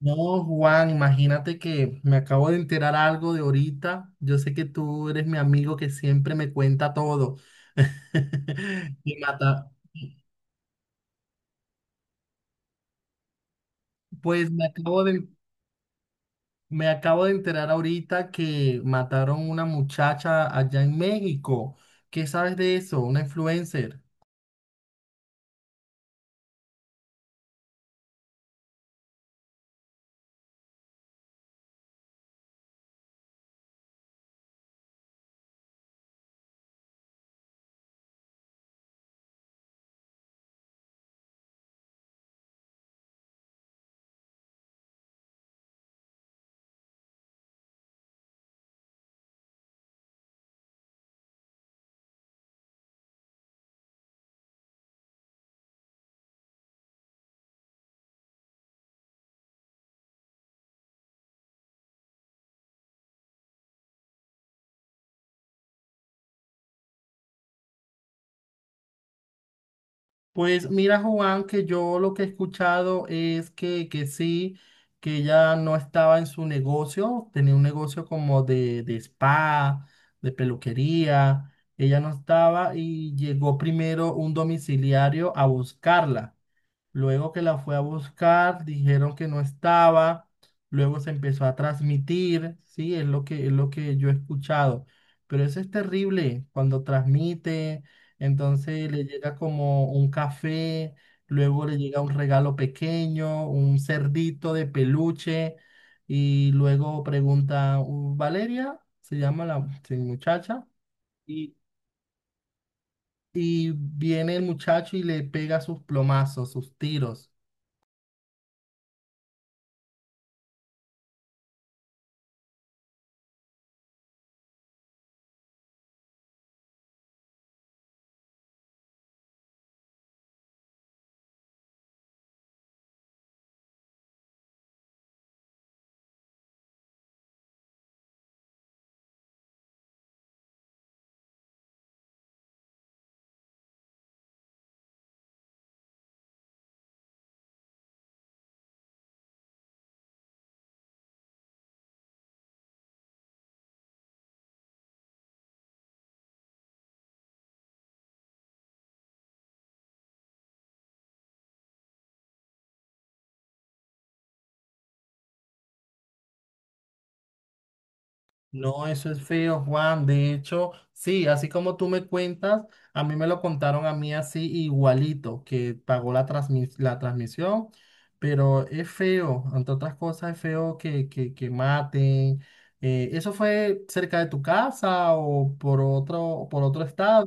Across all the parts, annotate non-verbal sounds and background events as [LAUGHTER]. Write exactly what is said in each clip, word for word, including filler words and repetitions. No, Juan, imagínate que me acabo de enterar algo de ahorita. Yo sé que tú eres mi amigo que siempre me cuenta todo. [LAUGHS] Y mata. Pues me acabo de, Me acabo de enterar ahorita que mataron una muchacha allá en México. ¿Qué sabes de eso? Una influencer. Pues mira, Juan, que yo lo que he escuchado es que, que sí, que ella no estaba en su negocio, tenía un negocio como de, de spa, de peluquería, ella no estaba y llegó primero un domiciliario a buscarla. Luego que la fue a buscar, dijeron que no estaba. Luego se empezó a transmitir, sí, es lo que, es lo que yo he escuchado. Pero eso es terrible cuando transmite, entonces le llega como un café, luego le llega un regalo pequeño, un cerdito de peluche, y luego pregunta, "Uh, Valeria, se llama la sí, muchacha, y, y viene el muchacho y le pega sus plomazos, sus tiros. No, eso es feo, Juan. De hecho, sí, así como tú me cuentas, a mí me lo contaron a mí así igualito, que pagó la transmis- la transmisión, pero es feo, entre otras cosas, es feo que, que, que maten. Eh, ¿eso fue cerca de tu casa o por otro, por otro estado?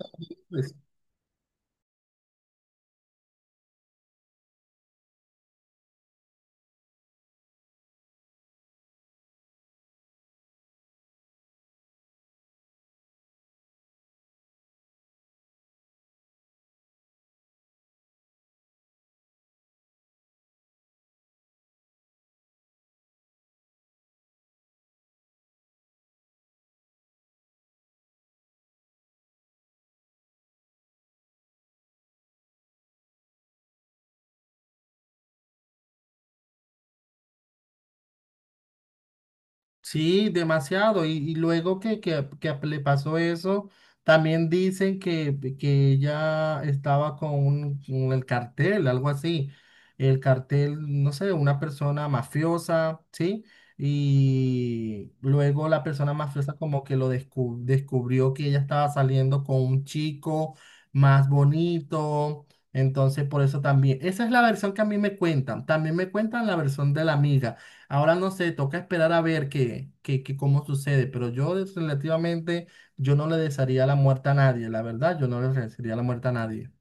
Sí, demasiado. Y, y luego que, que- que ap- le pasó eso, también dicen que, que ella estaba con, un- con el cartel, algo así. El cartel, no sé, una persona mafiosa, ¿sí? Y luego la persona mafiosa como que lo descu- descubrió que ella estaba saliendo con un chico más bonito. Entonces, por eso también, esa es la versión que a mí me cuentan. También me cuentan la versión de la amiga. Ahora no sé, toca esperar a ver qué, qué, qué- cómo sucede, pero yo relativamente, yo no le desearía la muerte a nadie, la verdad, yo no le desearía la muerte a nadie.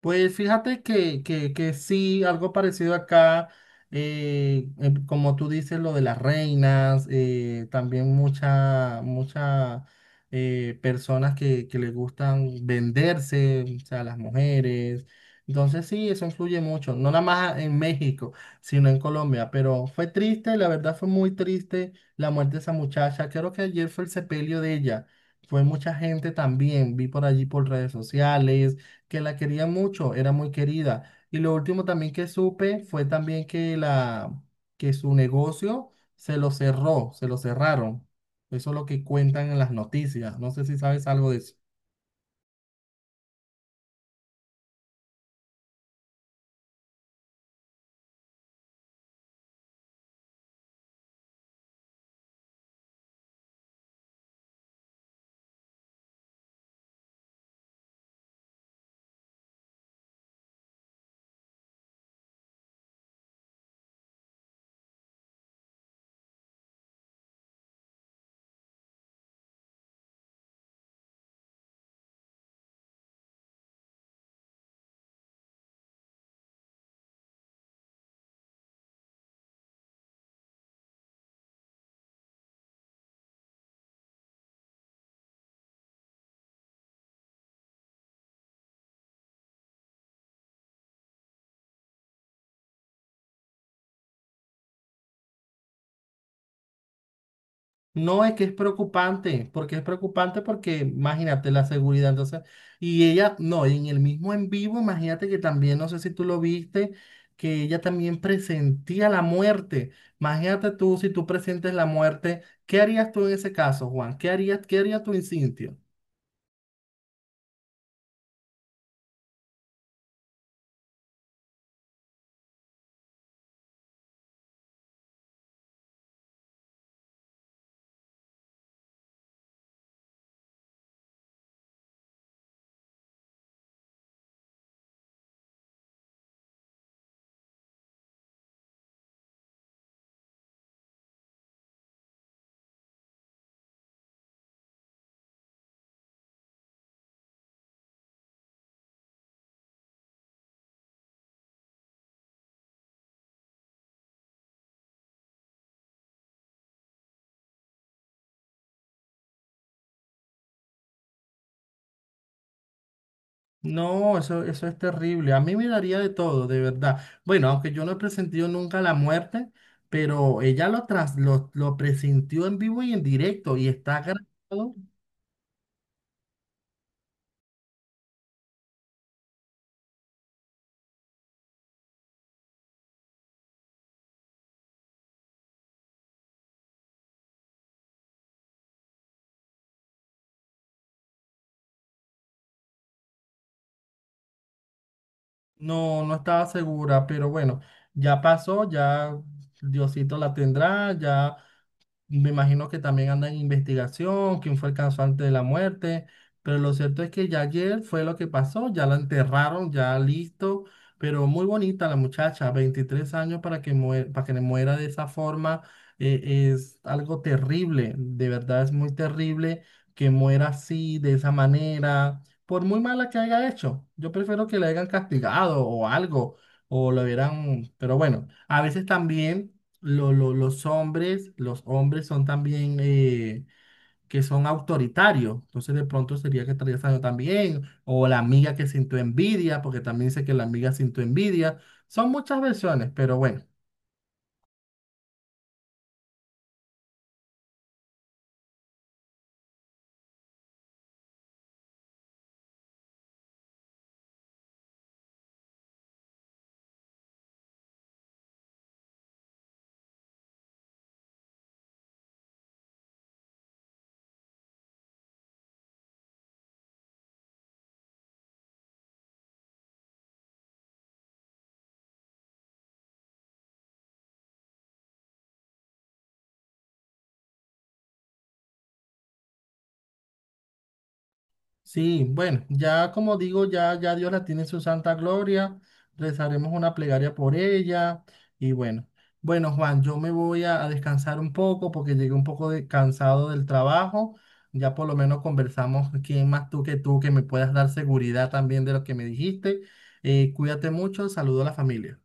Pues fíjate que, que, que sí, algo parecido acá, eh, em, como tú dices, lo de las reinas, eh, también muchas muchas personas que, que les gustan venderse, o sea, las mujeres. Entonces sí, eso influye mucho, no nada más en México, sino en Colombia, pero fue triste, la verdad fue muy triste la muerte de esa muchacha. Creo que ayer fue el sepelio de ella. Fue mucha gente también, vi por allí por redes sociales que la quería mucho, era muy querida. Y lo último también que supe fue también que, la, que su negocio se lo cerró, se lo cerraron. Eso es lo que cuentan en las noticias. No sé si sabes algo de eso. No, es que es preocupante, porque es preocupante porque imagínate la seguridad, entonces, y ella, no, y en el mismo en vivo, imagínate que también, no sé si tú lo viste, que ella también presentía la muerte. Imagínate tú, si tú presentes la muerte, ¿qué harías tú en ese caso, Juan? ¿Qué harías, qué haría tu instinto? No, eso, eso es terrible. A mí me daría de todo, de verdad. Bueno, aunque yo no he presentido nunca la muerte, pero ella lo, tras, lo, lo presintió en vivo y en directo y está grabado. No, no estaba segura, pero bueno, ya pasó, ya Diosito la tendrá, ya me imagino que también anda en investigación, quién fue el causante de la muerte, pero lo cierto es que ya ayer fue lo que pasó, ya la enterraron, ya listo, pero muy bonita la muchacha, veintitrés años para que muera, para que le muera de esa forma, eh, es algo terrible, de verdad es muy terrible que muera así, de esa manera, por muy mala que haya hecho. Yo prefiero que la hayan castigado o algo, o lo hubieran, pero bueno, a veces también lo- lo- los hombres, los hombres son también eh, que son autoritarios. Entonces de pronto sería que estaría algo también. O la amiga que sintió envidia, porque también dice que la amiga sintió envidia. Son muchas versiones, pero bueno. Sí, bueno, ya como digo, ya, ya Dios la tiene en su santa gloria, rezaremos una plegaria por ella y bueno, bueno Juan, yo me voy a, a descansar un poco porque llegué un poco de- cansado del trabajo, ya por lo menos conversamos, quién más tú que tú que me puedas dar seguridad también de lo que me dijiste. Eh, cuídate mucho, saludo a la familia.